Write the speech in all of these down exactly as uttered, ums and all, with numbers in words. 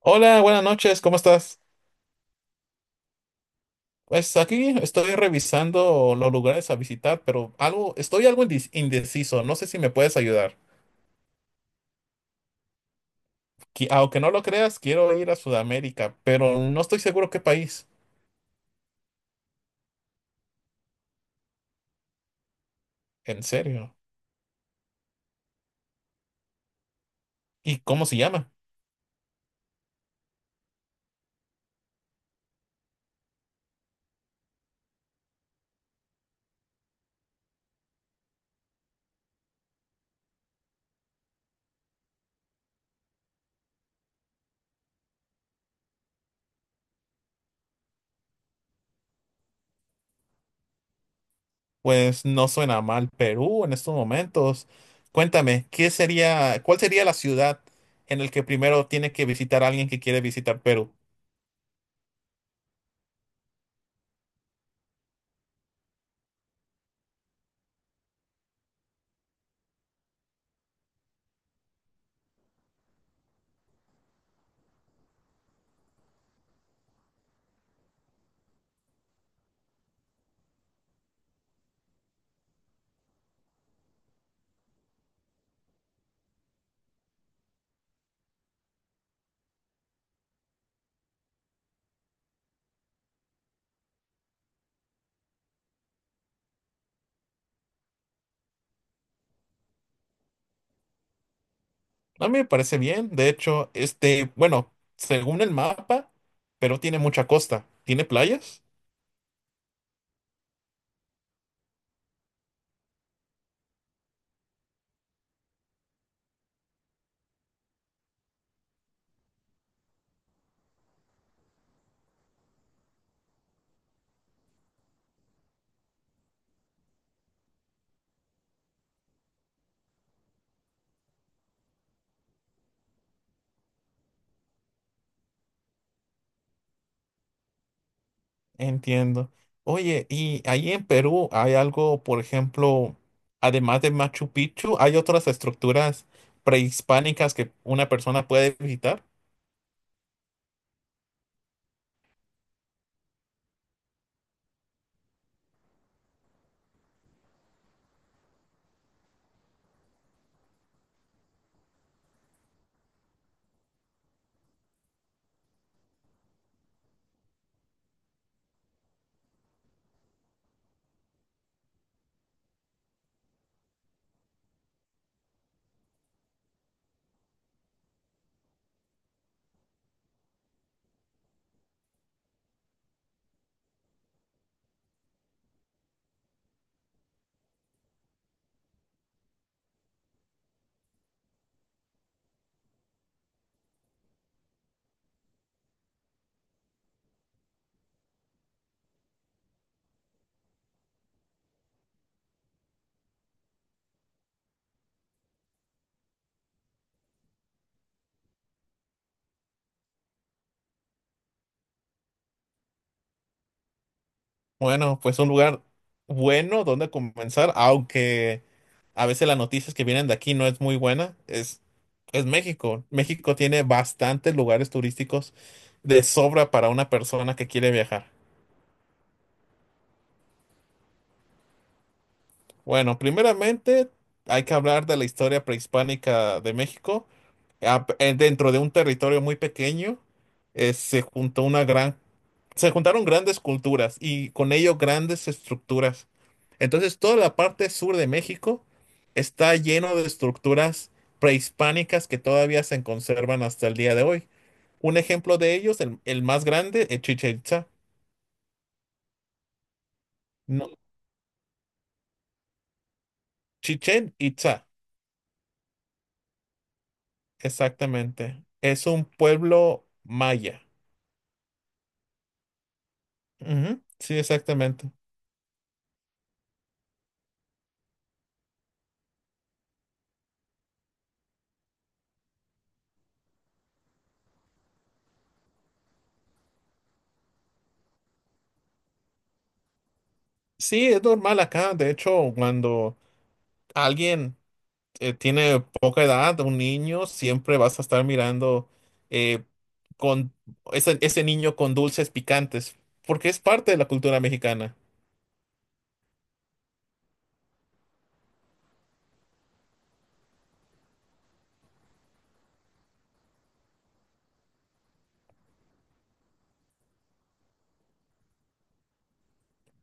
Hola, buenas noches, ¿cómo estás? Pues aquí estoy revisando los lugares a visitar, pero algo, estoy algo indec- indeciso, no sé si me puedes ayudar. Qui- aunque no lo creas, quiero ir a Sudamérica, pero no estoy seguro qué país, en serio. ¿Y cómo se llama? Pues no suena mal Perú en estos momentos. Cuéntame, ¿qué sería, ¿cuál sería la ciudad en la que primero tiene que visitar alguien que quiere visitar Perú? A mí me parece bien. De hecho, este, bueno, según el mapa, pero tiene mucha costa. ¿Tiene playas? Entiendo. Oye, ¿y ahí en Perú hay algo, por ejemplo, además de Machu Picchu, hay otras estructuras prehispánicas que una persona puede visitar? Bueno, pues un lugar bueno donde comenzar, aunque a veces las noticias que vienen de aquí no es muy buena, es, es México. México tiene bastantes lugares turísticos de sobra para una persona que quiere viajar. Bueno, primeramente hay que hablar de la historia prehispánica de México. Ah, p- eh, Dentro de un territorio muy pequeño, eh, se juntó una gran, se juntaron grandes culturas y con ello grandes estructuras. Entonces, toda la parte sur de México está lleno de estructuras prehispánicas que todavía se conservan hasta el día de hoy. Un ejemplo de ellos, el, el más grande, es Chichén Itzá. No, Chichén Itzá, exactamente. Es un pueblo maya. Ujú, sí, exactamente. Sí, es normal acá. De hecho, cuando alguien eh, tiene poca edad, un niño, siempre vas a estar mirando eh, con ese, ese niño con dulces picantes, porque es parte de la cultura mexicana.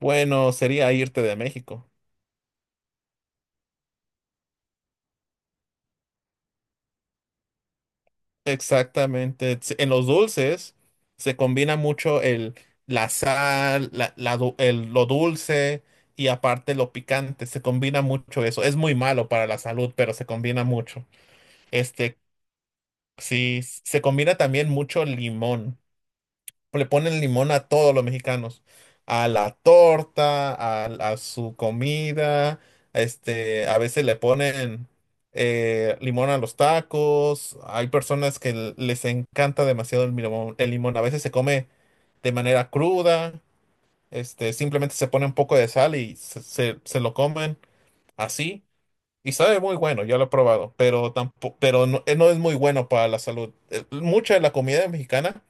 Bueno, sería irte de México. Exactamente. Se- En los dulces se combina mucho el, la sal, la, la du- el- lo dulce y aparte lo picante. Se combina mucho eso. Es muy malo para la salud, pero se combina mucho. Este, sí, se combina también mucho limón. Le ponen limón a todos los mexicanos, a la torta, a, a su comida, este, a veces le ponen eh, limón a los tacos, hay personas que l- les encanta demasiado el limón, el limón, a veces se come de manera cruda, este, simplemente se pone un poco de sal y se, se- se lo comen así. Y sabe muy bueno, yo lo he probado, pero tampoco, pero no, eh, no es muy bueno para la salud. Eh, Mucha de la comida mexicana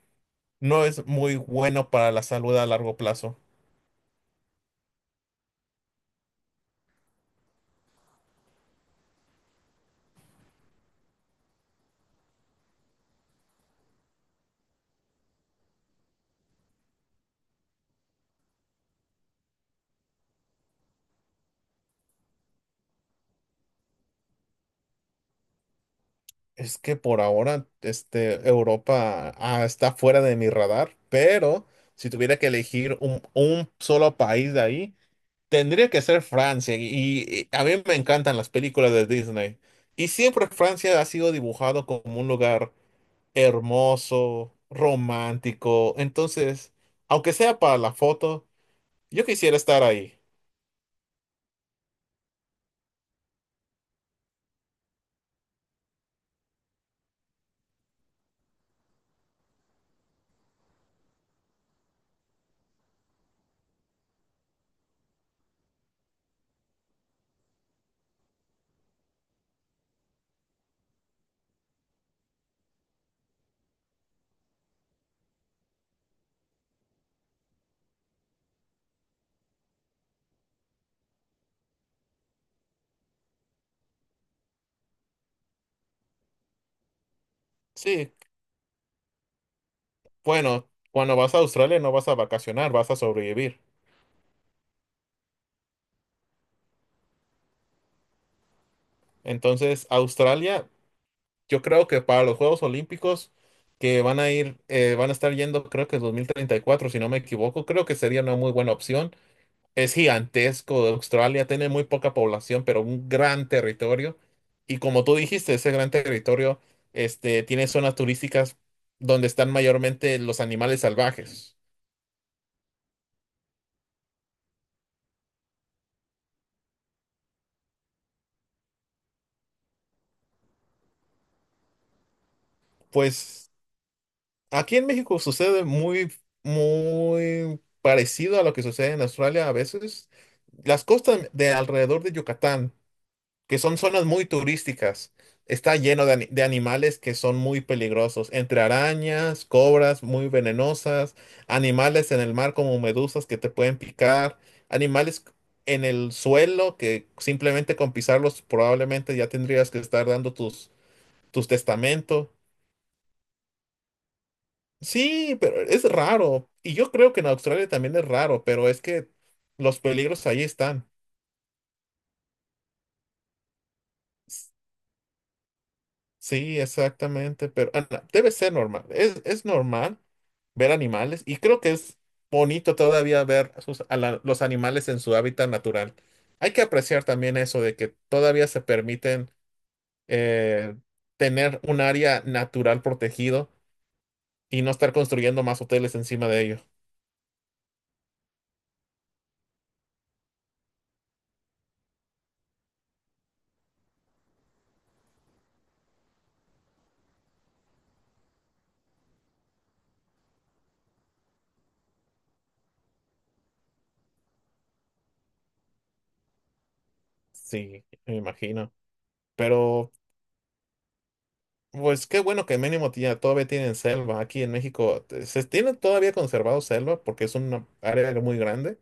no es muy bueno para la salud a largo plazo. Es que por ahora, este, Europa, ah, está fuera de mi radar, pero si tuviera que elegir un, un solo país de ahí, tendría que ser Francia. Y, y a mí me encantan las películas de Disney. Y siempre Francia ha sido dibujado como un lugar hermoso, romántico. Entonces, aunque sea para la foto, yo quisiera estar ahí. Sí, bueno, cuando vas a Australia no vas a vacacionar, vas a sobrevivir. Entonces, Australia, yo creo que para los Juegos Olímpicos que van a ir, eh, van a estar yendo, creo que es dos mil treinta y cuatro, si no me equivoco, creo que sería una muy buena opción. Es gigantesco, Australia tiene muy poca población, pero un gran territorio. Y como tú dijiste, ese gran territorio, este, tiene zonas turísticas donde están mayormente los animales salvajes. Pues aquí en México sucede muy, muy parecido a lo que sucede en Australia a veces. Las costas de alrededor de Yucatán, que son zonas muy turísticas, está lleno de, ani- de animales que son muy peligrosos, entre arañas, cobras muy venenosas, animales en el mar como medusas que te pueden picar, animales en el suelo que simplemente con pisarlos probablemente ya tendrías que estar dando tus, tus testamentos. Sí, pero es raro. Y yo creo que en Australia también es raro, pero es que los peligros ahí están. S- Sí, exactamente, pero ah, no, debe ser normal. Es, es normal ver animales y creo que es bonito todavía ver sus- a la- los animales en su hábitat natural. Hay que apreciar también eso de que todavía se permiten eh, tener un área natural protegido y no estar construyendo más hoteles encima de ello. Sí, me imagino. Pero pues qué bueno que mínimo tía- todavía tienen selva. Aquí en México eh, se tiene todavía conservado selva porque es una área muy grande.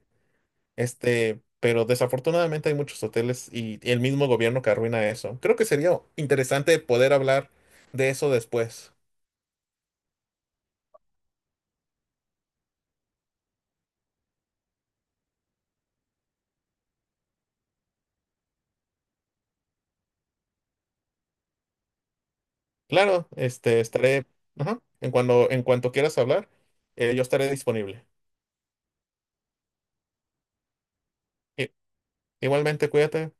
Este, pero desafortunadamente hay muchos hoteles y, y el mismo gobierno que arruina eso. Creo que sería interesante poder hablar de eso después. Claro, este, estaré, ajá, en cuando, en cuanto quieras hablar, eh, yo estaré disponible. I- Igualmente, cuídate.